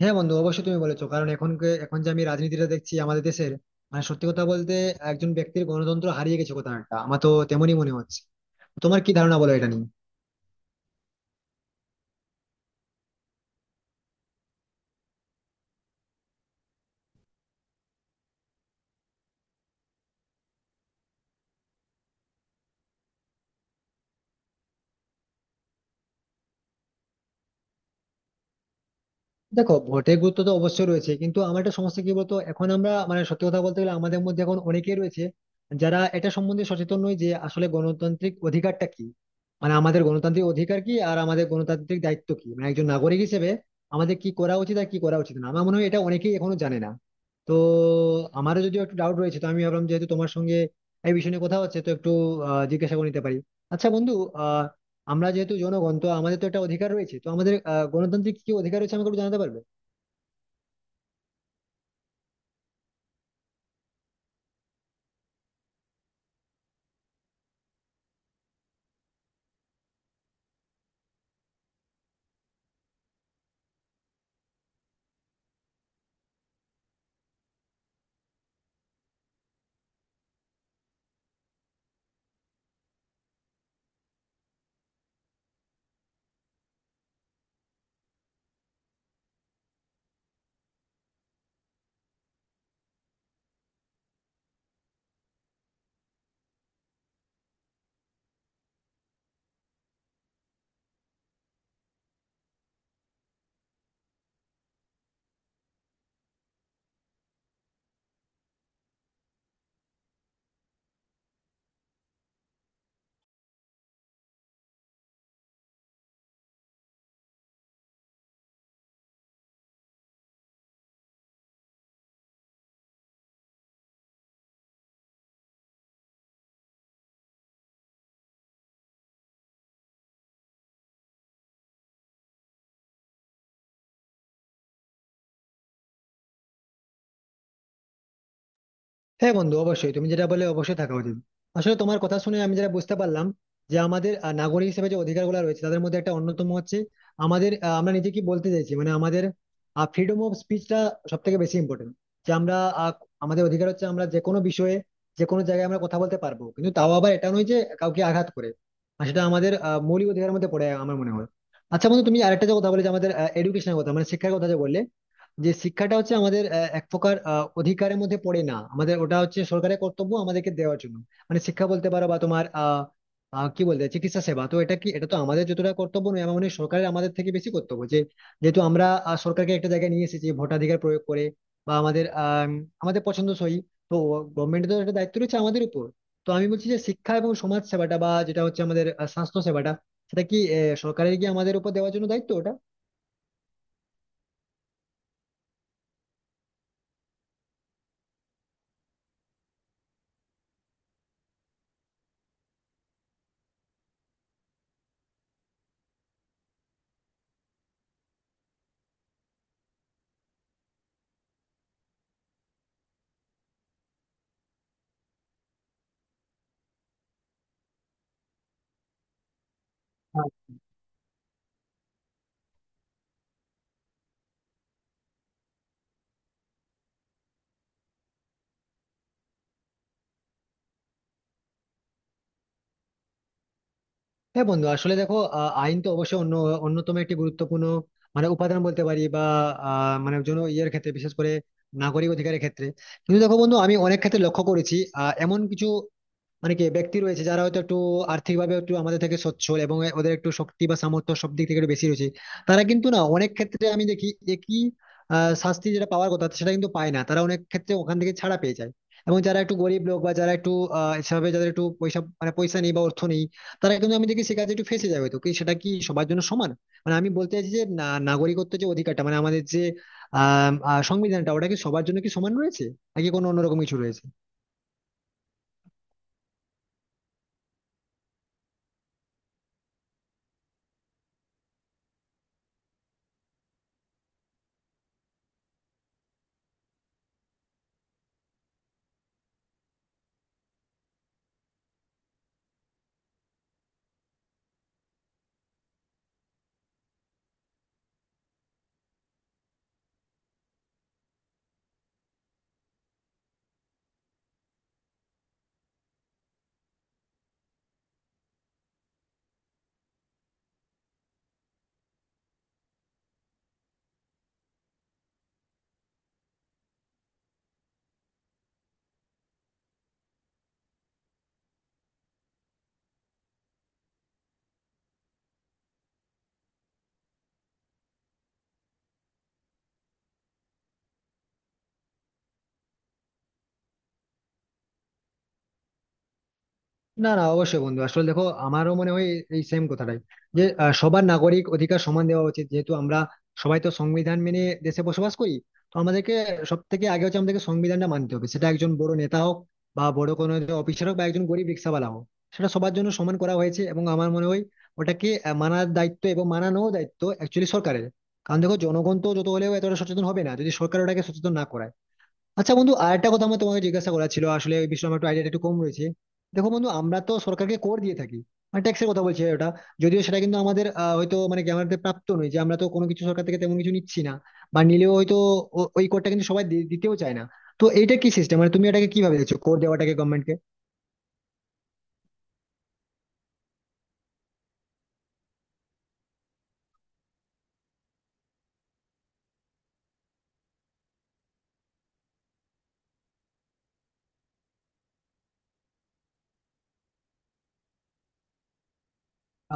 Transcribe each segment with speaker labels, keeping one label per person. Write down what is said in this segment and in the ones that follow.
Speaker 1: হ্যাঁ বন্ধু, অবশ্যই তুমি বলেছো, কারণ এখন এখন যে আমি রাজনীতিটা দেখছি আমাদের দেশের, মানে সত্যি কথা বলতে, একজন ব্যক্তির গণতন্ত্র হারিয়ে গেছে কোথাও একটা, আমার তো তেমনই মনে হচ্ছে। তোমার কি ধারণা বলো এটা নিয়ে? দেখো, ভোটের গুরুত্ব তো অবশ্যই রয়েছে, কিন্তু আমার একটা সমস্যা কি বলতো, এখন আমরা, মানে সত্যি কথা বলতে গেলে, আমাদের মধ্যে এখন অনেকেই রয়েছে যারা এটা সম্বন্ধে সচেতন নয় যে আসলে গণতান্ত্রিক অধিকারটা কি, মানে আমাদের গণতান্ত্রিক অধিকার কি আর আমাদের গণতান্ত্রিক দায়িত্ব কি, মানে একজন নাগরিক হিসেবে আমাদের কি করা উচিত আর কি করা উচিত না, আমার মনে হয় এটা অনেকেই এখনো জানে না। তো আমারও যদিও একটু ডাউট রয়েছে, তো আমি ভাবলাম, যেহেতু তোমার সঙ্গে এই বিষয় নিয়ে কথা হচ্ছে, তো একটু জিজ্ঞাসা করে নিতে পারি। আচ্ছা বন্ধু, আহ আমরা যেহেতু জনগণ, তো আমাদের তো একটা অধিকার রয়েছে, তো আমাদের গণতান্ত্রিক কি অধিকার রয়েছে আমাকে একটু জানাতে পারবে? হ্যাঁ বন্ধু, অবশ্যই তুমি যেটা বলে অবশ্যই থাকা উচিত। আসলে তোমার কথা শুনে আমি যেটা বুঝতে পারলাম, যে আমাদের নাগরিক হিসেবে যে অধিকারগুলো রয়েছে তাদের মধ্যে একটা অন্যতম হচ্ছে আমাদের আমরা নিজে কি বলতে চাইছি, মানে আমাদের ফ্রিডম অফ স্পিচটা সব থেকে বেশি ইম্পর্টেন্ট। যে আমরা আহ, আমাদের অধিকার হচ্ছে আমরা যে কোনো বিষয়ে যে কোনো জায়গায় আমরা কথা বলতে পারবো, কিন্তু তাও আবার এটা নয় যে কাউকে আঘাত করে। আর সেটা আমাদের মৌলিক অধিকারের মধ্যে পড়ে আমার মনে হয়। আচ্ছা বন্ধু, তুমি আরেকটা যে কথা বলে যে আমাদের এডুকেশনের কথা, মানে শিক্ষার কথা যে বললে, যে শিক্ষাটা হচ্ছে আমাদের এক প্রকার অধিকারের মধ্যে পড়ে না, আমাদের ওটা হচ্ছে সরকারের কর্তব্য আমাদেরকে দেওয়ার জন্য। মানে শিক্ষা বলতে পারো বা তোমার আহ আহ, কি বলতে হয়, চিকিৎসা সেবা, তো এটা কি, এটা তো আমাদের যতটা কর্তব্য নয়, আমার মনে হয় সরকারের আমাদের থেকে বেশি কর্তব্য। যে যেহেতু আমরা সরকারকে একটা জায়গায় নিয়ে এসেছি ভোটাধিকার প্রয়োগ করে বা আমাদের আমাদের পছন্দসই, তো গভর্নমেন্টের তো একটা দায়িত্ব রয়েছে আমাদের উপর। তো আমি বলছি যে শিক্ষা এবং সমাজ সেবাটা বা যেটা হচ্ছে আমাদের স্বাস্থ্য সেবাটা, সেটা কি সরকারের কি আমাদের উপর দেওয়ার জন্য দায়িত্ব ওটা? হ্যাঁ বন্ধু, আসলে দেখো আইন তো অবশ্যই অন্যতম একটি গুরুত্বপূর্ণ, মানে উপাদান বলতে পারি, বা মানে জন্য ইয়ের ক্ষেত্রে, বিশেষ করে নাগরিক অধিকারের ক্ষেত্রে। কিন্তু দেখো বন্ধু, আমি অনেক ক্ষেত্রে লক্ষ্য করেছি এমন কিছু মানে কি ব্যক্তি রয়েছে যারা হয়তো একটু আর্থিকভাবে একটু আমাদের থেকে সচ্ছল এবং ওদের একটু শক্তি বা সামর্থ্য সব দিক থেকে একটু বেশি রয়েছে, তারা কিন্তু না অনেক ক্ষেত্রে আমি দেখি একই শাস্তি যেটা পাওয়ার কথা সেটা কিন্তু পায় না, তারা অনেক ক্ষেত্রে ওখান থেকে ছাড়া পেয়ে যায়। এবং যারা একটু গরিব লোক বা যারা একটু সেভাবে যাদের একটু পয়সা, মানে পয়সা নেই বা অর্থ নেই, তারা কিন্তু আমি দেখি সে কাজে একটু ফেঁসে যাবে। তো কি, সেটা কি সবার জন্য সমান? মানে আমি বলতে চাইছি যে না, নাগরিকত্ব যে অধিকারটা, মানে আমাদের যে আহ আহ, সংবিধানটা, ওটা কি সবার জন্য কি সমান রয়েছে, নাকি কোনো অন্যরকম কিছু রয়েছে? না না, অবশ্যই বন্ধু, আসলে দেখো আমারও মনে হয় এই সেম কথাটাই, যে সবার নাগরিক অধিকার সমান দেওয়া উচিত, যেহেতু আমরা সবাই তো সংবিধান মেনে দেশে বসবাস করি। তো আমাদেরকে সব থেকে আগে হচ্ছে আমাদেরকে সংবিধানটা মানতে হবে, সেটা একজন বড় নেতা হোক বা বড় কোনো অফিসার হোক বা একজন গরিব রিক্সাওয়ালা হোক, সেটা সবার জন্য সমান করা হয়েছে। এবং আমার মনে হয় ওটাকে মানার দায়িত্ব এবং মানানো দায়িত্ব অ্যাকচুয়ালি সরকারের, কারণ দেখো জনগণ তো যত হলেও এতটা সচেতন হবে না যদি সরকার ওটাকে সচেতন না করায়। আচ্ছা বন্ধু, আর একটা কথা আমার তোমাকে জিজ্ঞাসা করা ছিল, আসলে এই বিষয়ে আমার একটু আইডিয়াটা একটু কম রয়েছে। দেখো বন্ধু, আমরা তো সরকারকে কর দিয়ে থাকি, মানে ট্যাক্সের কথা বলছি ওটা। যদিও সেটা কিন্তু আমাদের হয়তো মানে কি আমাদের প্রাপ্ত নয়, যে আমরা তো কোনো কিছু সরকার থেকে তেমন কিছু নিচ্ছি না, বা নিলেও হয়তো ওই করটা কিন্তু সবাই দিতেও চায় না। তো এইটা কি সিস্টেম, মানে তুমি এটাকে কিভাবে দেখছো কর দেওয়াটাকে গভর্নমেন্টকে?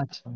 Speaker 1: আচ্ছা।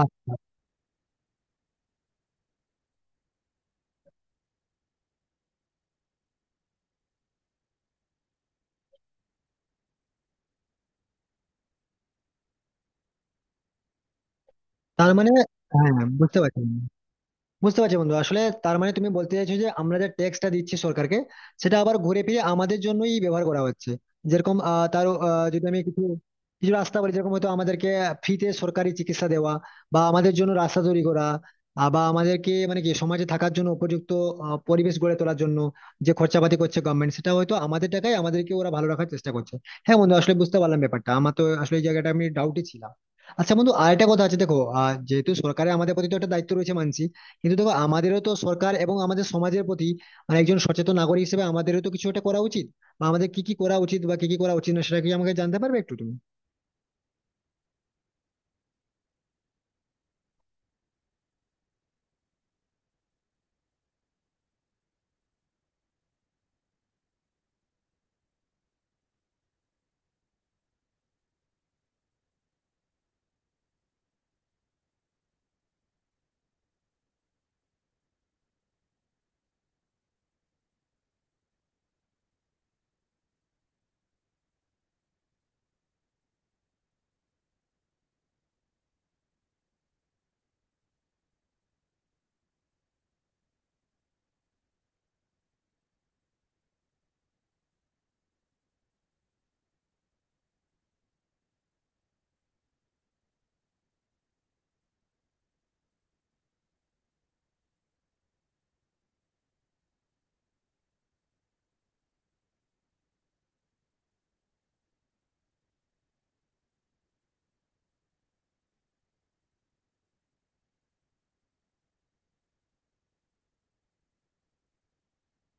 Speaker 1: আচ্ছা। তার মানে, হ্যাঁ, বুঝতে পারছি। বুঝতে পারছি বন্ধু, আসলে তার মানে তুমি বলতে চাইছো যে আমরা যে ট্যাক্সটা দিচ্ছি সরকারকে, সেটা আবার ঘুরে ফিরে আমাদের জন্যই ব্যবহার করা হচ্ছে। যেরকম তার যদি আমি কিছু কিছু রাস্তা বলি, যেরকম হয়তো আমাদেরকে ফ্রিতে সরকারি চিকিৎসা দেওয়া, বা আমাদের জন্য রাস্তা তৈরি করা, বা আমাদেরকে মানে কি সমাজে থাকার জন্য উপযুক্ত পরিবেশ গড়ে তোলার জন্য যে খরচাপাতি করছে গভর্নমেন্ট, সেটা হয়তো আমাদের টাকায় আমাদেরকে ওরা ভালো রাখার চেষ্টা করছে। হ্যাঁ বন্ধু, আসলে বুঝতে পারলাম ব্যাপারটা, আমার তো আসলে এই জায়গাটা আমি ডাউটে ছিলাম। আচ্ছা বন্ধু, আরেকটা কথা আছে, দেখো যেহেতু সরকারের আমাদের প্রতি তো একটা দায়িত্ব রয়েছে মানছি, কিন্তু দেখো আমাদেরও তো সরকার এবং আমাদের সমাজের প্রতি, মানে একজন সচেতন নাগরিক হিসেবে আমাদেরও তো কিছু একটা করা উচিত, বা আমাদের কি কি করা উচিত বা কি কি করা উচিত না, সেটা কি আমাকে জানতে পারবে একটু তুমি?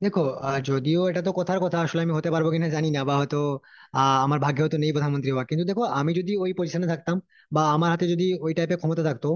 Speaker 1: দেখো যদিও এটা তো কথার কথা, আসলে আমি হতে পারবো কিনা জানি না, বা হয়তো আমার ভাগ্যে হয়তো নেই প্রধানমন্ত্রী হওয়া, কিন্তু দেখো আমি যদি ওই পজিশনে থাকতাম বা আমার হাতে যদি ওই টাইপের ক্ষমতা থাকতো,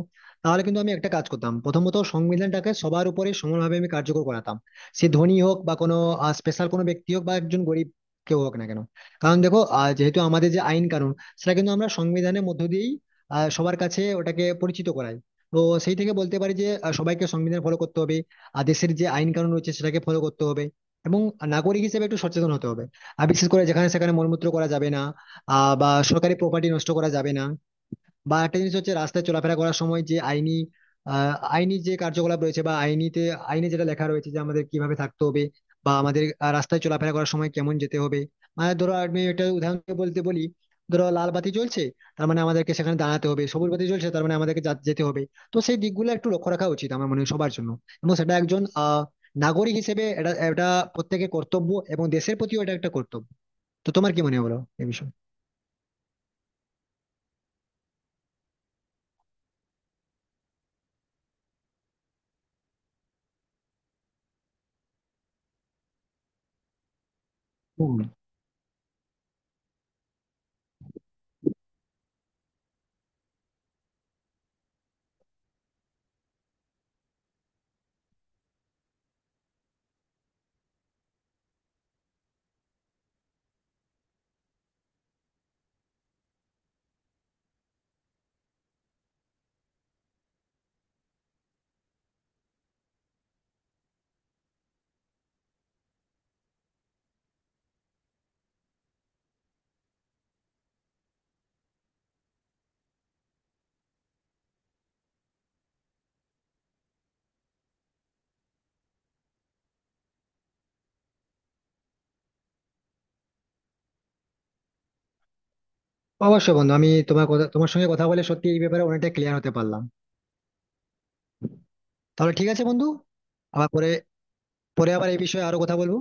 Speaker 1: তাহলে কিন্তু আমি একটা কাজ করতাম, প্রথমত সংবিধানটাকে সবার উপরে সমানভাবে আমি কার্যকর করাতাম। সে ধনী হোক বা কোনো স্পেশাল কোনো ব্যক্তি হোক বা একজন গরিব, কেউ হোক না কেন। কারণ দেখো যেহেতু আমাদের যে আইন কানুন, সেটা কিন্তু আমরা সংবিধানের মধ্য দিয়েই সবার কাছে ওটাকে পরিচিত করাই। তো সেই থেকে বলতে পারি যে সবাইকে সংবিধান ফলো করতে হবে, আর দেশের যে আইন কানুন রয়েছে সেটাকে ফলো করতে হবে, এবং নাগরিক হিসেবে একটু সচেতন হতে হবে। আর বিশেষ করে যেখানে সেখানে মলমূত্র করা যাবে না, বা সরকারি প্রপার্টি নষ্ট করা যাবে না, বা একটা জিনিস হচ্ছে রাস্তায় চলাফেরা করার সময় যে আইনি যে কার্যকলাপ রয়েছে, বা আইনে যেটা লেখা রয়েছে যে আমাদের কিভাবে থাকতে হবে, বা আমাদের রাস্তায় চলাফেরা করার সময় কেমন যেতে হবে। মানে ধরো আমি এটা উদাহরণ দিয়ে বলতে বলি, ধরো লাল বাতি চলছে, তার মানে আমাদেরকে সেখানে দাঁড়াতে হবে, সবুজ বাতি চলছে তার মানে আমাদেরকে যেতে হবে। তো সেই দিকগুলো একটু লক্ষ্য রাখা উচিত আমার মনে হয় সবার জন্য, এবং সেটা একজন নাগরিক হিসেবে এটা এটা প্রত্যেকের কর্তব্য এবং দেশের প্রতিও এটা একটা কর্তব্য। তো তোমার কি মনে হয় বলো এই বিষয়ে? হুম। অবশ্যই বন্ধু, আমি তোমার কথা, তোমার সঙ্গে কথা বলে সত্যি এই ব্যাপারে অনেকটা ক্লিয়ার হতে পারলাম। তাহলে ঠিক আছে বন্ধু, আবার পরে, পরে আবার এই বিষয়ে আরো কথা বলবো।